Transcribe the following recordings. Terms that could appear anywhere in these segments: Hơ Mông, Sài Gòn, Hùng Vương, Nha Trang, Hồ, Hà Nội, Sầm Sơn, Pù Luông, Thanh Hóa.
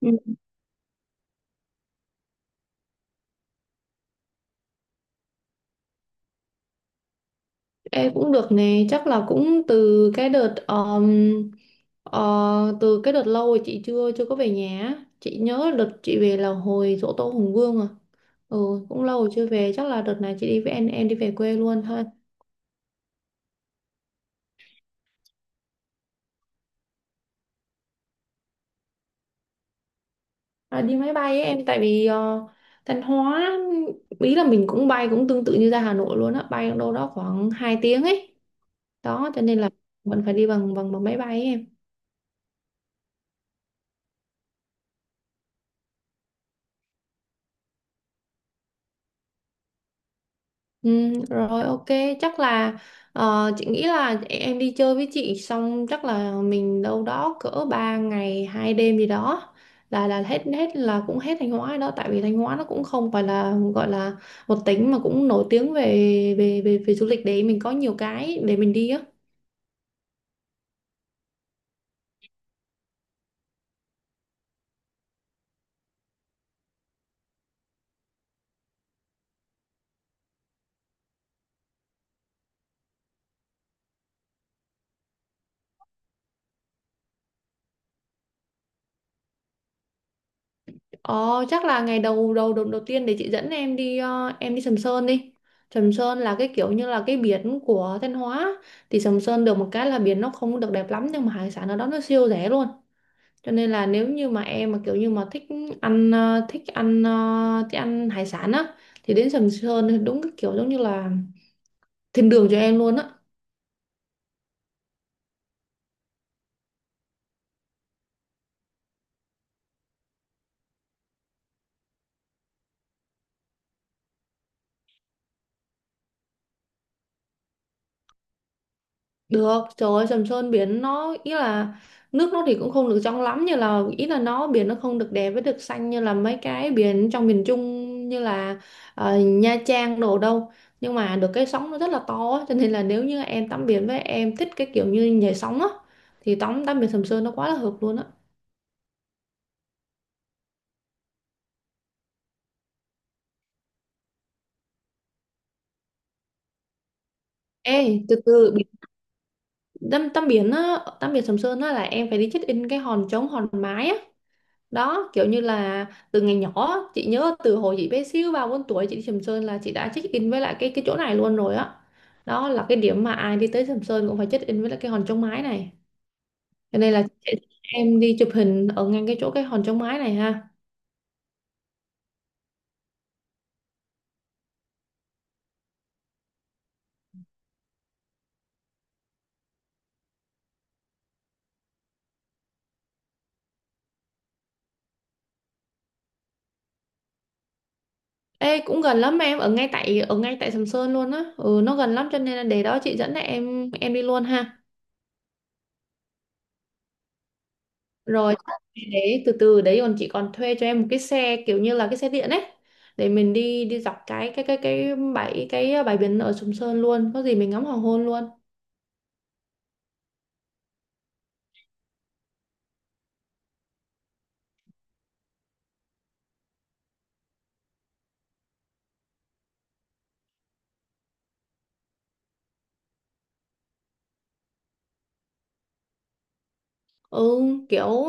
Ừ, em cũng được nè, chắc là cũng từ cái đợt lâu rồi chị chưa chưa có về nhà á. Chị nhớ đợt chị về là hồi giỗ tổ Hùng Vương à. Ừ, cũng lâu rồi chưa về, chắc là đợt này chị đi với em đi về quê luôn thôi. À, đi máy bay ấy em, tại vì Thanh Hóa ý là mình cũng bay cũng tương tự như ra Hà Nội luôn á, bay đâu đó khoảng 2 tiếng ấy. Đó cho nên là vẫn phải đi bằng bằng bằng máy bay ấy em. Ừ, rồi ok, chắc là chị nghĩ là em đi chơi với chị xong chắc là mình đâu đó cỡ 3 ngày 2 đêm gì đó là hết hết là cũng hết Thanh Hóa rồi đó, tại vì Thanh Hóa nó cũng không phải là gọi là một tỉnh mà cũng nổi tiếng về về du lịch để mình có nhiều cái để mình đi á. Ờ, chắc là ngày đầu tiên để chị dẫn em đi. Sầm Sơn là cái kiểu như là cái biển của Thanh Hóa, thì Sầm Sơn được một cái là biển nó không được đẹp lắm nhưng mà hải sản ở đó nó siêu rẻ luôn. Cho nên là nếu như mà em mà kiểu như mà thích thích ăn hải sản á thì đến Sầm Sơn thì đúng cái kiểu giống như là thiên đường cho em luôn á. Được, trời ơi, Sầm Sơn biển nó ý là nước nó thì cũng không được trong lắm, như là ý là nó biển nó không được đẹp với được xanh như là mấy cái biển trong miền Trung như là Nha Trang đồ đâu. Nhưng mà được cái sóng nó rất là to á, cho nên là nếu như em tắm biển với em thích cái kiểu như nhảy sóng á thì tắm tắm biển Sầm Sơn nó quá là hợp luôn á. Ê, từ từ biển- tắm tắm biển á, tắm biển Sầm Sơn á là em phải đi check in cái hòn trống hòn mái á. Đó kiểu như là từ ngày nhỏ, chị nhớ từ hồi chị bé xíu 3 4 tuổi chị đi Sầm Sơn là chị đã check in với lại cái chỗ này luôn rồi á đó. Là cái điểm mà ai đi tới Sầm Sơn cũng phải check in với lại cái hòn chống mái này, cho nên là chị, em đi chụp hình ở ngang cái chỗ cái hòn chống mái này ha. Ê, cũng gần lắm em, ở ngay tại Sầm Sơn luôn á. Ừ, nó gần lắm cho nên là để đó chị dẫn em đi luôn ha. Rồi đấy, từ từ đấy còn chị còn thuê cho em một cái xe kiểu như là cái xe điện ấy, để mình đi đi dọc cái bãi cái ờ, bãi biển ở Sầm Sơn luôn, có gì mình ngắm hoàng hôn luôn. Ừ, kiểu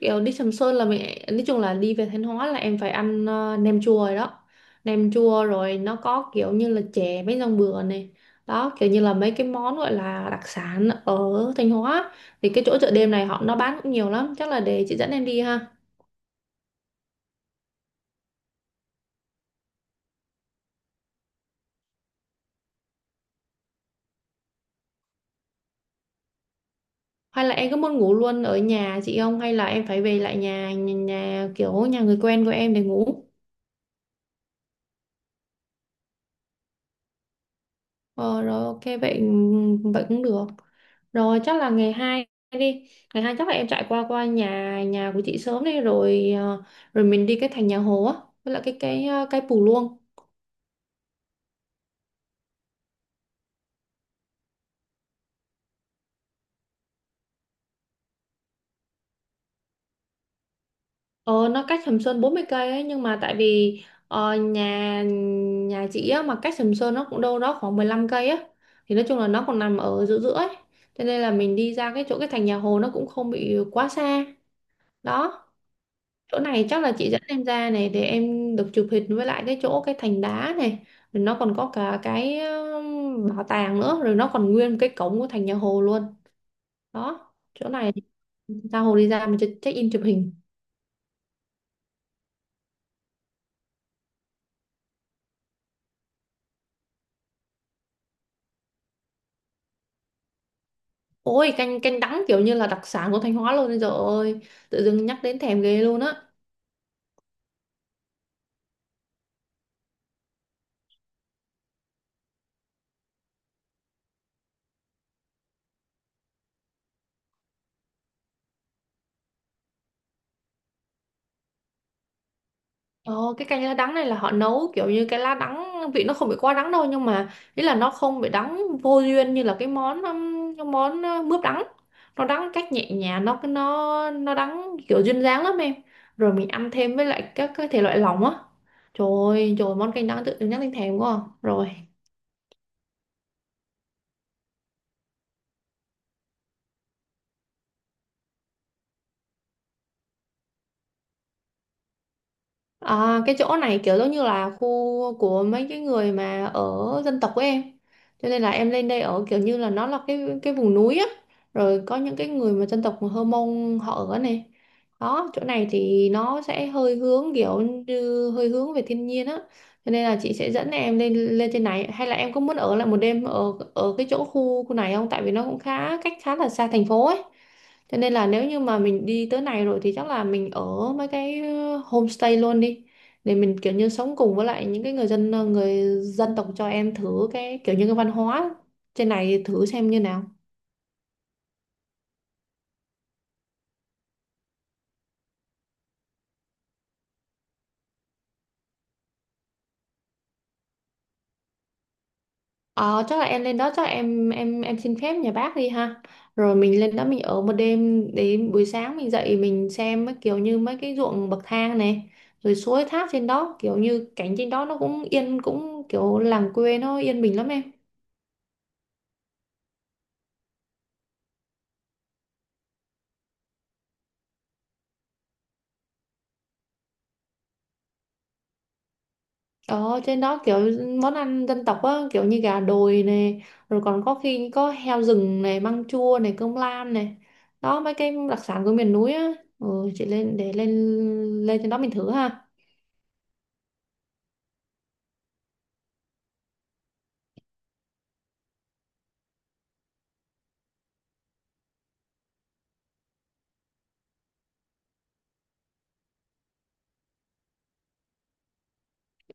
kiểu đi Sầm Sơn là mình, nói chung là đi về Thanh Hóa là em phải ăn nem chua rồi đó. Nem chua rồi nó có kiểu như là chè mấy rong bừa này, đó kiểu như là mấy cái món gọi là đặc sản ở Thanh Hóa, thì cái chỗ chợ đêm này họ nó bán cũng nhiều lắm, chắc là để chị dẫn em đi ha. Hay là em có muốn ngủ luôn ở nhà chị không? Hay là em phải về lại nhà nhà, nhà kiểu nhà người quen của em để ngủ? Ờ, rồi ok, vậy ừ, vậy cũng được. Rồi chắc là ngày hai đi. Ngày hai chắc là em chạy qua qua nhà nhà của chị sớm đi, rồi mình đi cái thành nhà Hồ á với lại cái Pù Luông. Ờ, nó cách Sầm Sơn 40 cây ấy, nhưng mà tại vì ờ, nhà nhà chị á, mà cách Sầm Sơn nó cũng đâu đó khoảng 15 cây á, thì nói chung là nó còn nằm ở giữa giữa ấy, cho nên là mình đi ra cái chỗ cái thành nhà Hồ nó cũng không bị quá xa. Đó chỗ này chắc là chị dẫn em ra này để em được chụp hình với lại cái chỗ cái thành đá này, rồi nó còn có cả cái bảo tàng nữa, rồi nó còn nguyên cái cổng của thành nhà Hồ luôn. Đó chỗ này, ra Hồ đi, ra mình check in chụp hình. Ôi, canh canh đắng kiểu như là đặc sản của Thanh Hóa luôn rồi ơi. Tự dưng nhắc đến thèm ghê luôn á. Ồ, cái canh lá đắng này là họ nấu kiểu như cái lá đắng vị nó không bị quá đắng đâu, nhưng mà ý là nó không bị đắng vô duyên như là cái món mướp đắng, nó đắng cách nhẹ nhàng, nó đắng kiểu duyên dáng lắm em. Rồi mình ăn thêm với lại các cái thể loại lỏng á. Trời ơi trời ơi, món canh đắng tự dưng nhắc đến thèm quá à. Rồi. À, cái chỗ này kiểu giống như là khu của mấy cái người mà ở dân tộc của em. Cho nên là em lên đây ở kiểu như là nó là cái vùng núi á. Rồi có những cái người mà dân tộc Hơ Mông họ ở này. Đó, chỗ này thì nó sẽ hơi hướng kiểu như hơi hướng về thiên nhiên á. Cho nên là chị sẽ dẫn em lên lên trên này, hay là em có muốn ở lại một đêm ở ở cái chỗ khu khu này không? Tại vì nó cũng khá cách khá là xa thành phố ấy. Thế nên là nếu như mà mình đi tới này rồi thì chắc là mình ở mấy cái homestay luôn đi, để mình kiểu như sống cùng với lại những cái người dân tộc, cho em thử cái kiểu như cái văn hóa trên này thử xem như nào. Ờ, chắc là em lên đó chắc là em xin phép nhà bác đi ha. Rồi mình lên đó mình ở một đêm, đến buổi sáng mình dậy mình xem mấy kiểu như mấy cái ruộng bậc thang này, rồi suối thác trên đó kiểu như cảnh trên đó nó cũng yên, cũng kiểu làng quê nó yên bình lắm em. Ở trên đó kiểu món ăn dân tộc á, kiểu như gà đồi này, rồi còn có khi có heo rừng này, măng chua này, cơm lam này. Đó mấy cái đặc sản của miền núi á. Ừ, chị lên để lên lên trên đó mình thử ha.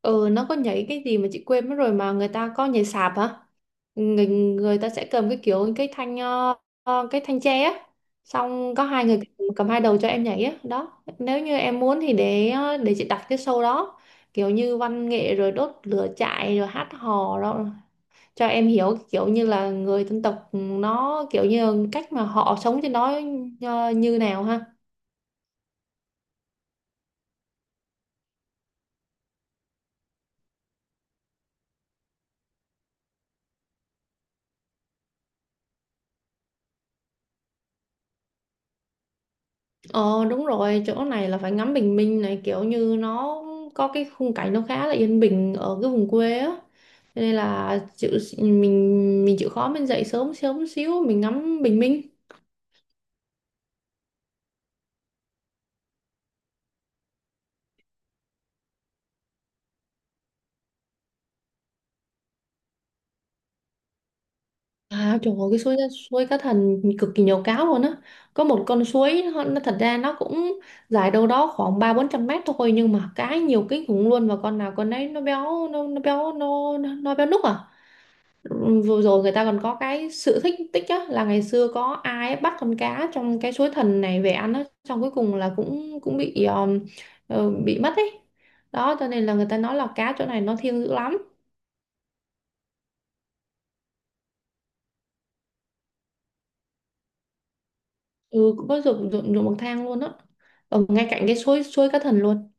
Ừ, nó có nhảy cái gì mà chị quên mất rồi, mà người ta có nhảy sạp hả, người ta sẽ cầm cái kiểu cái cái thanh tre á, xong có hai người cầm hai đầu cho em nhảy á đó. Nếu như em muốn thì để chị đặt cái show đó, kiểu như văn nghệ rồi đốt lửa trại rồi hát hò đó, cho em hiểu kiểu như là người dân tộc nó kiểu như cách mà họ sống trên đó như nào ha. Ờ đúng rồi, chỗ này là phải ngắm bình minh này, kiểu như nó có cái khung cảnh nó khá là yên bình ở cái vùng quê á. Cho nên là chịu, mình chịu khó mình dậy sớm sớm xíu mình ngắm bình minh. À trời ơi, cái suối suối cá thần cực kỳ nhiều cá luôn á. Có một con suối nó thật ra nó cũng dài đâu đó khoảng 300 400 mét thôi, nhưng mà cá nhiều kinh khủng luôn, và con nào con đấy nó béo núc à. Vừa rồi người ta còn có cái sự thích tích á, là ngày xưa có ai bắt con cá trong cái suối thần này về ăn á, xong cuối cùng là cũng cũng bị ờ, bị mất ấy. Đó cho nên là người ta nói là cá chỗ này nó thiêng dữ lắm. Ừ, cũng có ruộng ruộng ruộng bậc thang luôn á, ở ngay cạnh cái suối suối cá thần luôn.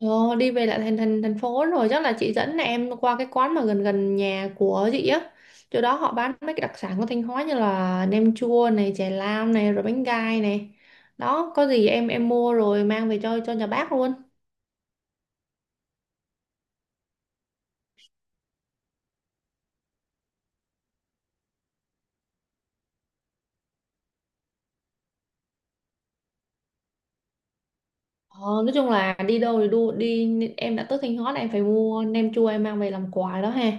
Ờ, đi về lại thành thành thành phố, rồi chắc là chị dẫn em qua cái quán mà gần gần nhà của chị á, chỗ đó họ bán mấy cái đặc sản của Thanh Hóa như là nem chua này, chè lam này, rồi bánh gai này. Đó có gì em mua rồi mang về cho nhà bác luôn. Ờ, nói chung là đi đâu thì đu đi, em đã tới Thanh Hóa là em phải mua nem chua em mang về làm quà đó ha.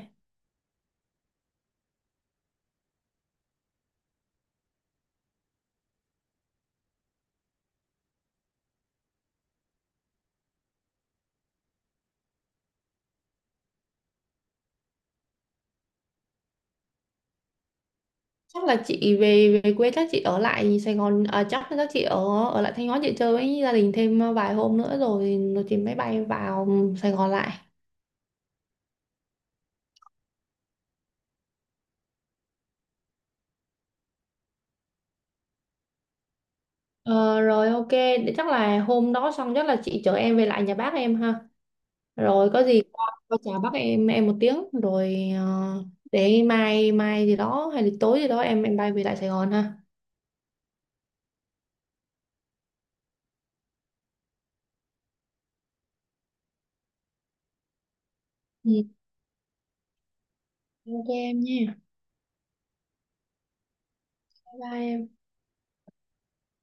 Chắc là chị về về quê, chắc chị ở lại Sài Gòn à, chắc chắc chị ở ở lại Thanh Hóa chị chơi với gia đình thêm vài hôm nữa rồi rồi chị mới bay vào Sài Gòn lại. Ờ, rồi ok, để chắc là hôm đó xong chắc là chị chở em về lại nhà bác em ha. Rồi có gì qua chào bác em một tiếng rồi để mai mai gì đó hay là tối gì đó em bay về lại Sài Gòn ha. Ừ, ok em nha. Bye bye em.